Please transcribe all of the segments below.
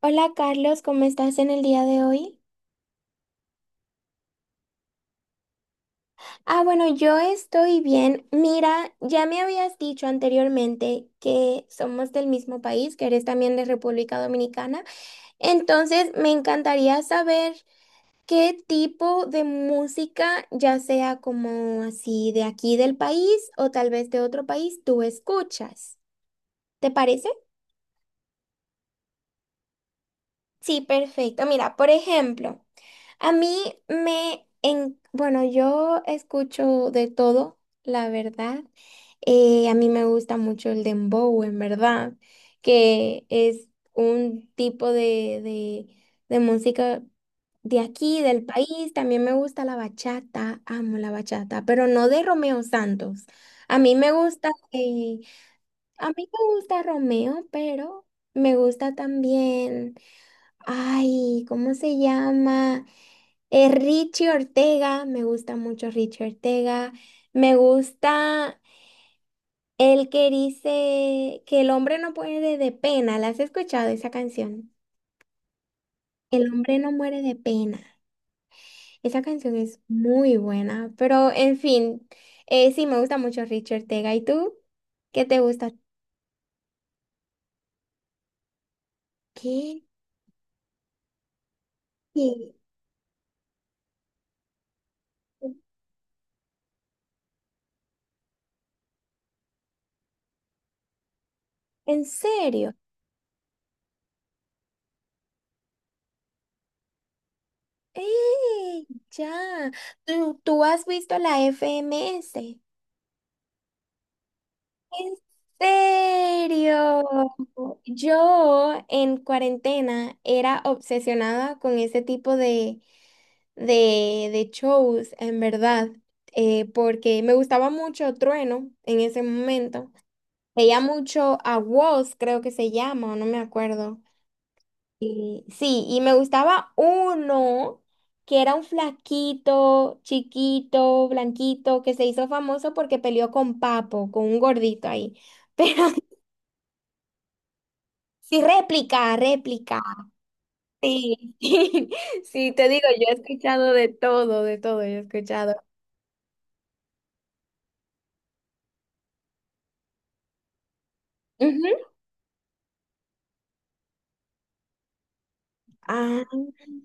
Hola Carlos, ¿cómo estás en el día de hoy? Ah, bueno, yo estoy bien. Mira, ya me habías dicho anteriormente que somos del mismo país, que eres también de República Dominicana. Entonces, me encantaría saber qué tipo de música, ya sea como así de aquí del país o tal vez de otro país, tú escuchas. ¿Te parece? Sí, perfecto. Mira, por ejemplo. A mí bueno, yo escucho de todo, la verdad. A mí me gusta mucho el dembow, en verdad, que es un tipo de música de aquí, del país. También me gusta la bachata, amo la bachata, pero no de Romeo Santos. A mí me gusta, a mí me gusta Romeo, pero me gusta también. Ay, ¿cómo se llama? Richie Ortega, me gusta mucho Richie Ortega. Me gusta el que dice que el hombre no muere de pena. ¿La has escuchado esa canción? El hombre no muere de pena. Esa canción es muy buena, pero en fin, sí, me gusta mucho Richie Ortega. ¿Y tú? ¿Qué te gusta? ¿Qué? ¿Qué? ¿En serio? ¡Ey! Ya. ¿Tú has visto la FMS? ¿En serio? Yo en cuarentena era obsesionada con ese tipo de shows, en verdad, porque me gustaba mucho Trueno en ese momento. Veía mucho a Woz, creo que se llama, o no me acuerdo. Y, sí, y me gustaba uno que era un flaquito, chiquito, blanquito, que se hizo famoso porque peleó con Papo, con un gordito ahí. Pero sí, réplica, réplica. Sí, sí, sí, te digo, yo he escuchado de todo, yo he escuchado. Ujú. Ah,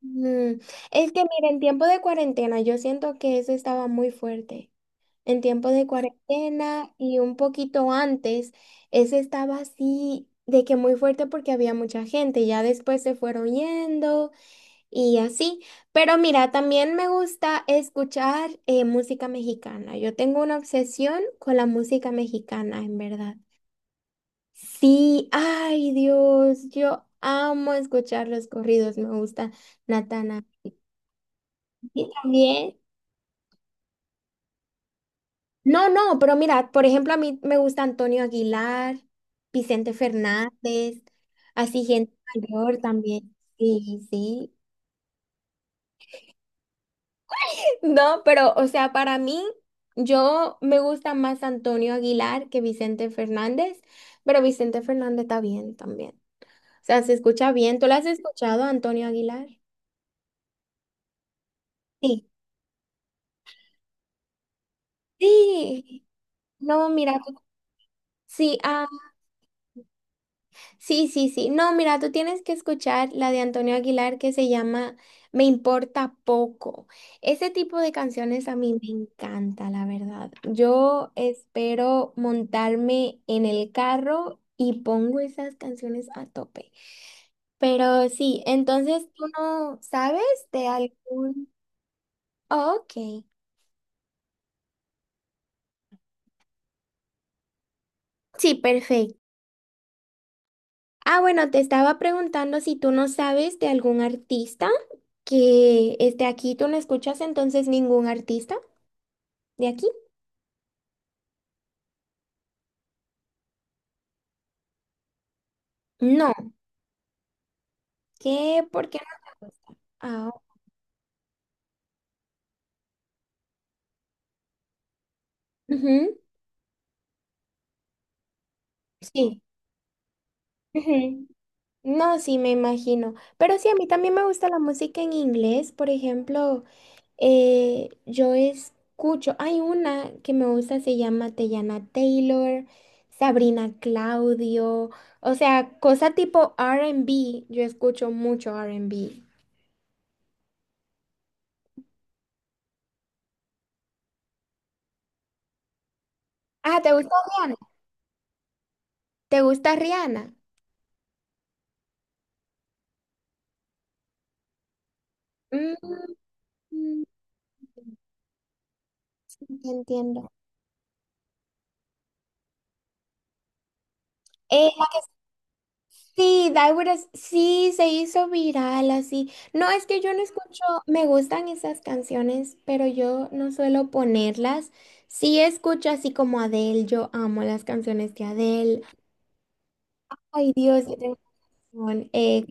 mm, es que mira, en tiempo de cuarentena yo siento que eso estaba muy fuerte. En tiempo de cuarentena y un poquito antes, eso estaba así de que muy fuerte porque había mucha gente. Ya después se fueron yendo. Y así, pero mira, también me gusta escuchar música mexicana. Yo tengo una obsesión con la música mexicana, en verdad. Sí, ay Dios, yo amo escuchar los corridos, me gusta Natana. Y también, no, no, pero mira, por ejemplo, a mí me gusta Antonio Aguilar, Vicente Fernández, así gente mayor también. Sí, sí. No, pero, o sea, para mí, yo me gusta más Antonio Aguilar que Vicente Fernández, pero Vicente Fernández está bien también. O sea, se escucha bien. ¿Tú lo has escuchado, Antonio Aguilar? Sí. Sí. No, mira, sí, ah. Sí, sí, sí. No, mira, tú tienes que escuchar la de Antonio Aguilar que se llama Me importa poco. Ese tipo de canciones a mí me encanta, la verdad. Yo espero montarme en el carro y pongo esas canciones a tope. Pero sí, entonces tú no sabes de algún... Ok. Sí, perfecto. Ah, bueno, te estaba preguntando si tú no sabes de algún artista que esté aquí. ¿Tú no escuchas entonces ningún artista de aquí? No. ¿Qué? ¿Por qué no te gusta? Ah, ujú, Sí, ujú. No, sí, me imagino. Pero sí, a mí también me gusta la música en inglés. Por ejemplo, yo escucho, hay una que me gusta, se llama Teyana Taylor, Sabrina Claudio, o sea, cosa tipo R&B, yo escucho mucho R&B. Ah, ¿te gusta Rihanna? ¿Te gusta Rihanna? Mm, mm, entiendo. Eh, Sí, Daiguras, sí, se hizo viral así. No, es que yo no escucho, me gustan esas canciones, pero yo no suelo ponerlas. Sí escucho así como Adele, yo amo las canciones de Adele. Ay, Dios, yo tengo razón.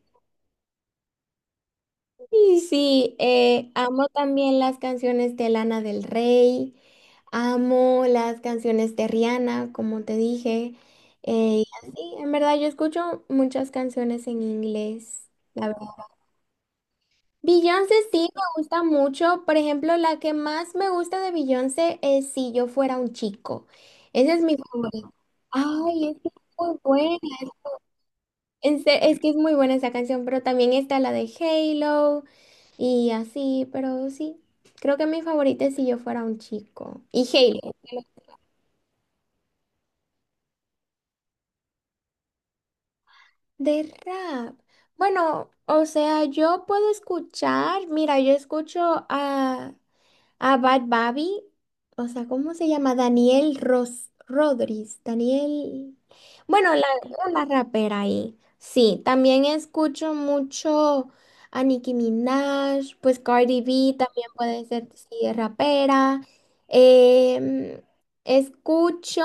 Y sí, amo también las canciones de Lana del Rey, amo las canciones de Rihanna, como te dije, y así, en verdad, yo escucho muchas canciones en inglés. Beyoncé sí me gusta mucho. Por ejemplo, la que más me gusta de Beyoncé es Si yo fuera un chico. Esa es mi favorita. Ay, es que es muy buena. En se- Es que es muy buena esa canción, pero también está la de Halo y así, pero sí. Creo que mi favorita es Si yo fuera un chico. Y Halo. De rap. Bueno, o sea, yo puedo escuchar. Mira, yo escucho a A Bad Babi, o sea, ¿cómo se llama? Daniel Ros Rodríguez, Daniel, bueno, la, una rapera ahí. Sí, también escucho mucho a Nicki Minaj, pues Cardi B también puede ser, sí, rapera. Em, escucho,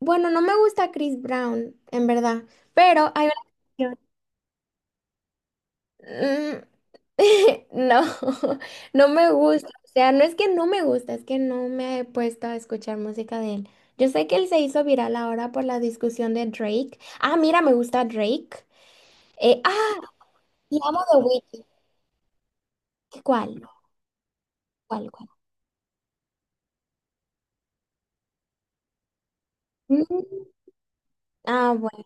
bueno, no me gusta Chris Brown, en verdad, pero hay una canción. mm, No, no me No. gusta. O sea, no es que no me gusta, es que no me he puesto a escuchar música de él. Yo sé que él se hizo viral ahora por la discusión de Drake. Ah, mira, me gusta Drake. Eh, ah, y amo The Weeknd. ¿Cuál? ¿Cuál? ¿Cuál? Mm, Ah, bueno,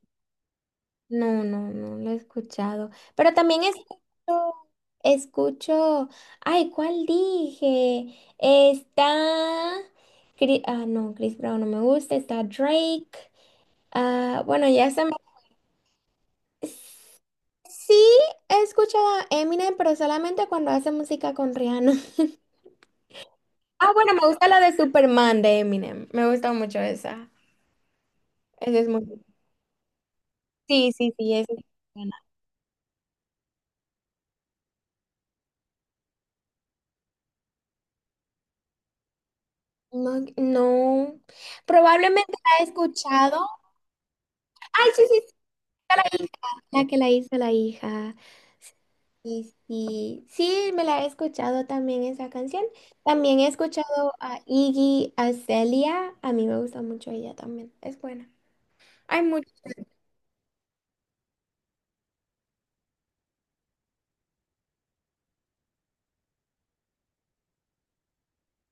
no, no, no lo he escuchado. Pero también escucho, ay, ¿cuál dije? Está, Chri- ah, no, Chris Brown no me gusta, está Drake. Ah, bueno, ya se me... Sí, he escuchado a Eminem, pero solamente cuando hace música con Rihanna. Ah, bueno, me gusta la de Superman de Eminem. Me gusta mucho esa. Esa es muy... Sí, sí, sí, esa es buena. No, no. Probablemente la he escuchado. Ay, sí, sí, sí, la hija, la que la hizo la hija. Y sí, sí, me la he escuchado también esa canción. También he escuchado a Iggy Azalea. A mí me gusta mucho ella también. Es buena. Hay mucho.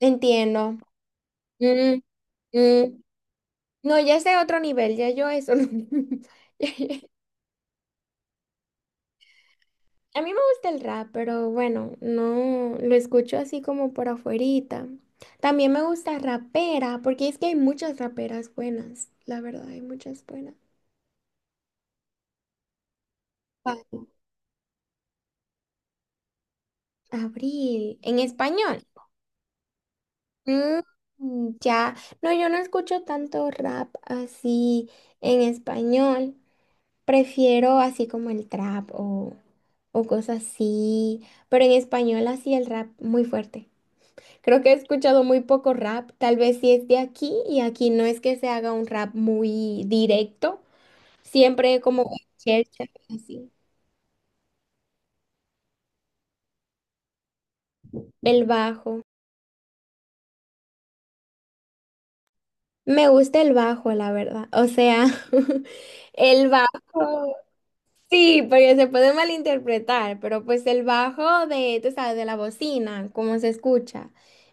Entiendo. Mm, mm. No, ya es de otro nivel, ya yo eso no. Ya- ya- A mí me gusta el rap, pero bueno, no lo escucho así como por afuerita. También me gusta rapera, porque es que hay muchas raperas buenas, la verdad, hay muchas buenas. Pa- Abril, en español. Mm, ya, no, yo no escucho tanto rap así en español. Prefiero así como el trap o cosas así, pero en español así el rap muy fuerte. Creo que he escuchado muy poco rap, tal vez si es de aquí y aquí no es que se haga un rap muy directo, siempre como chercha, así. El bajo. Me gusta el bajo, la verdad. O sea, el bajo. Sí, porque se puede malinterpretar, pero pues el bajo de, tú sabes, de la bocina, cómo se escucha.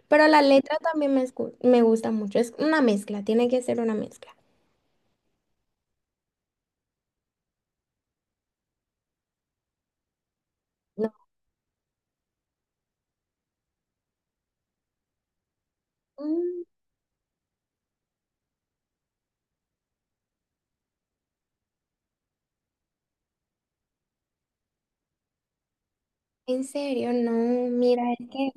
Pero la letra también me, escu- me gusta mucho, es una mezcla, tiene que ser una mezcla. No, mm, en serio, no, mira, es que...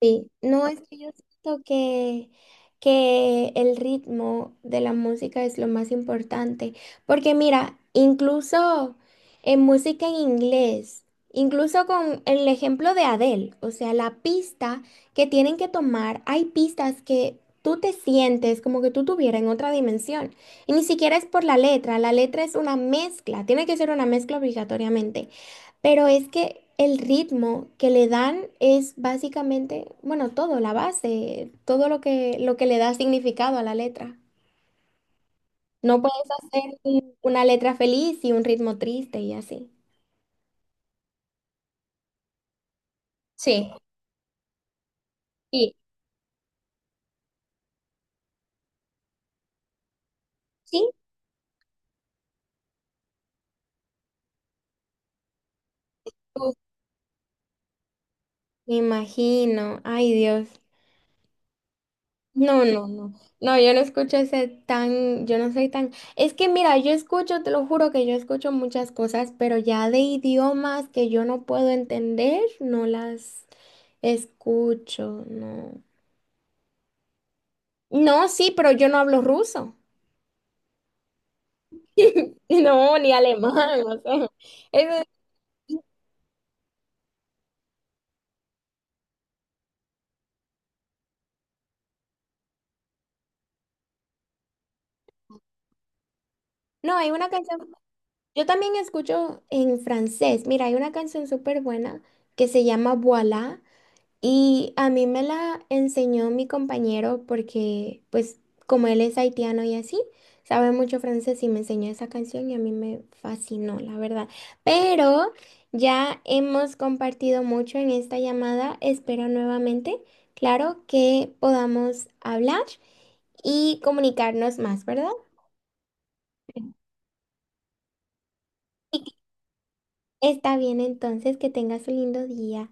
Sí, no es que yo siento que el ritmo de la música es lo más importante, porque mira, incluso en música en inglés, incluso con el ejemplo de Adele, o sea, la pista que tienen que tomar, hay pistas que tú te sientes como que tú tuvieras en otra dimensión, y ni siquiera es por la letra es una mezcla, tiene que ser una mezcla obligatoriamente. Pero es que el ritmo que le dan es básicamente, bueno, todo, la base, todo lo que le da significado a la letra. No puedes hacer un- una letra feliz y un ritmo triste y así. Sí, y sí, Uf, me imagino, ay Dios. No, no, no. No, yo no escucho ese tan, yo no soy tan. Es que mira, yo escucho, te lo juro que yo escucho muchas cosas, pero ya de idiomas que yo no puedo entender, no las escucho, no. No, sí, pero yo no hablo ruso. No, ni alemán, o sea, es- no, hay una canción. Yo también escucho en francés. Mira, hay una canción súper buena que se llama Voilà. Y a mí me la enseñó mi compañero porque, pues, como él es haitiano y así, sabe mucho francés y me enseñó esa canción y a mí me fascinó, la verdad. Pero ya hemos compartido mucho en esta llamada. Espero nuevamente, claro, que podamos hablar y comunicarnos más, ¿verdad? Está bien entonces, que tengas un lindo día.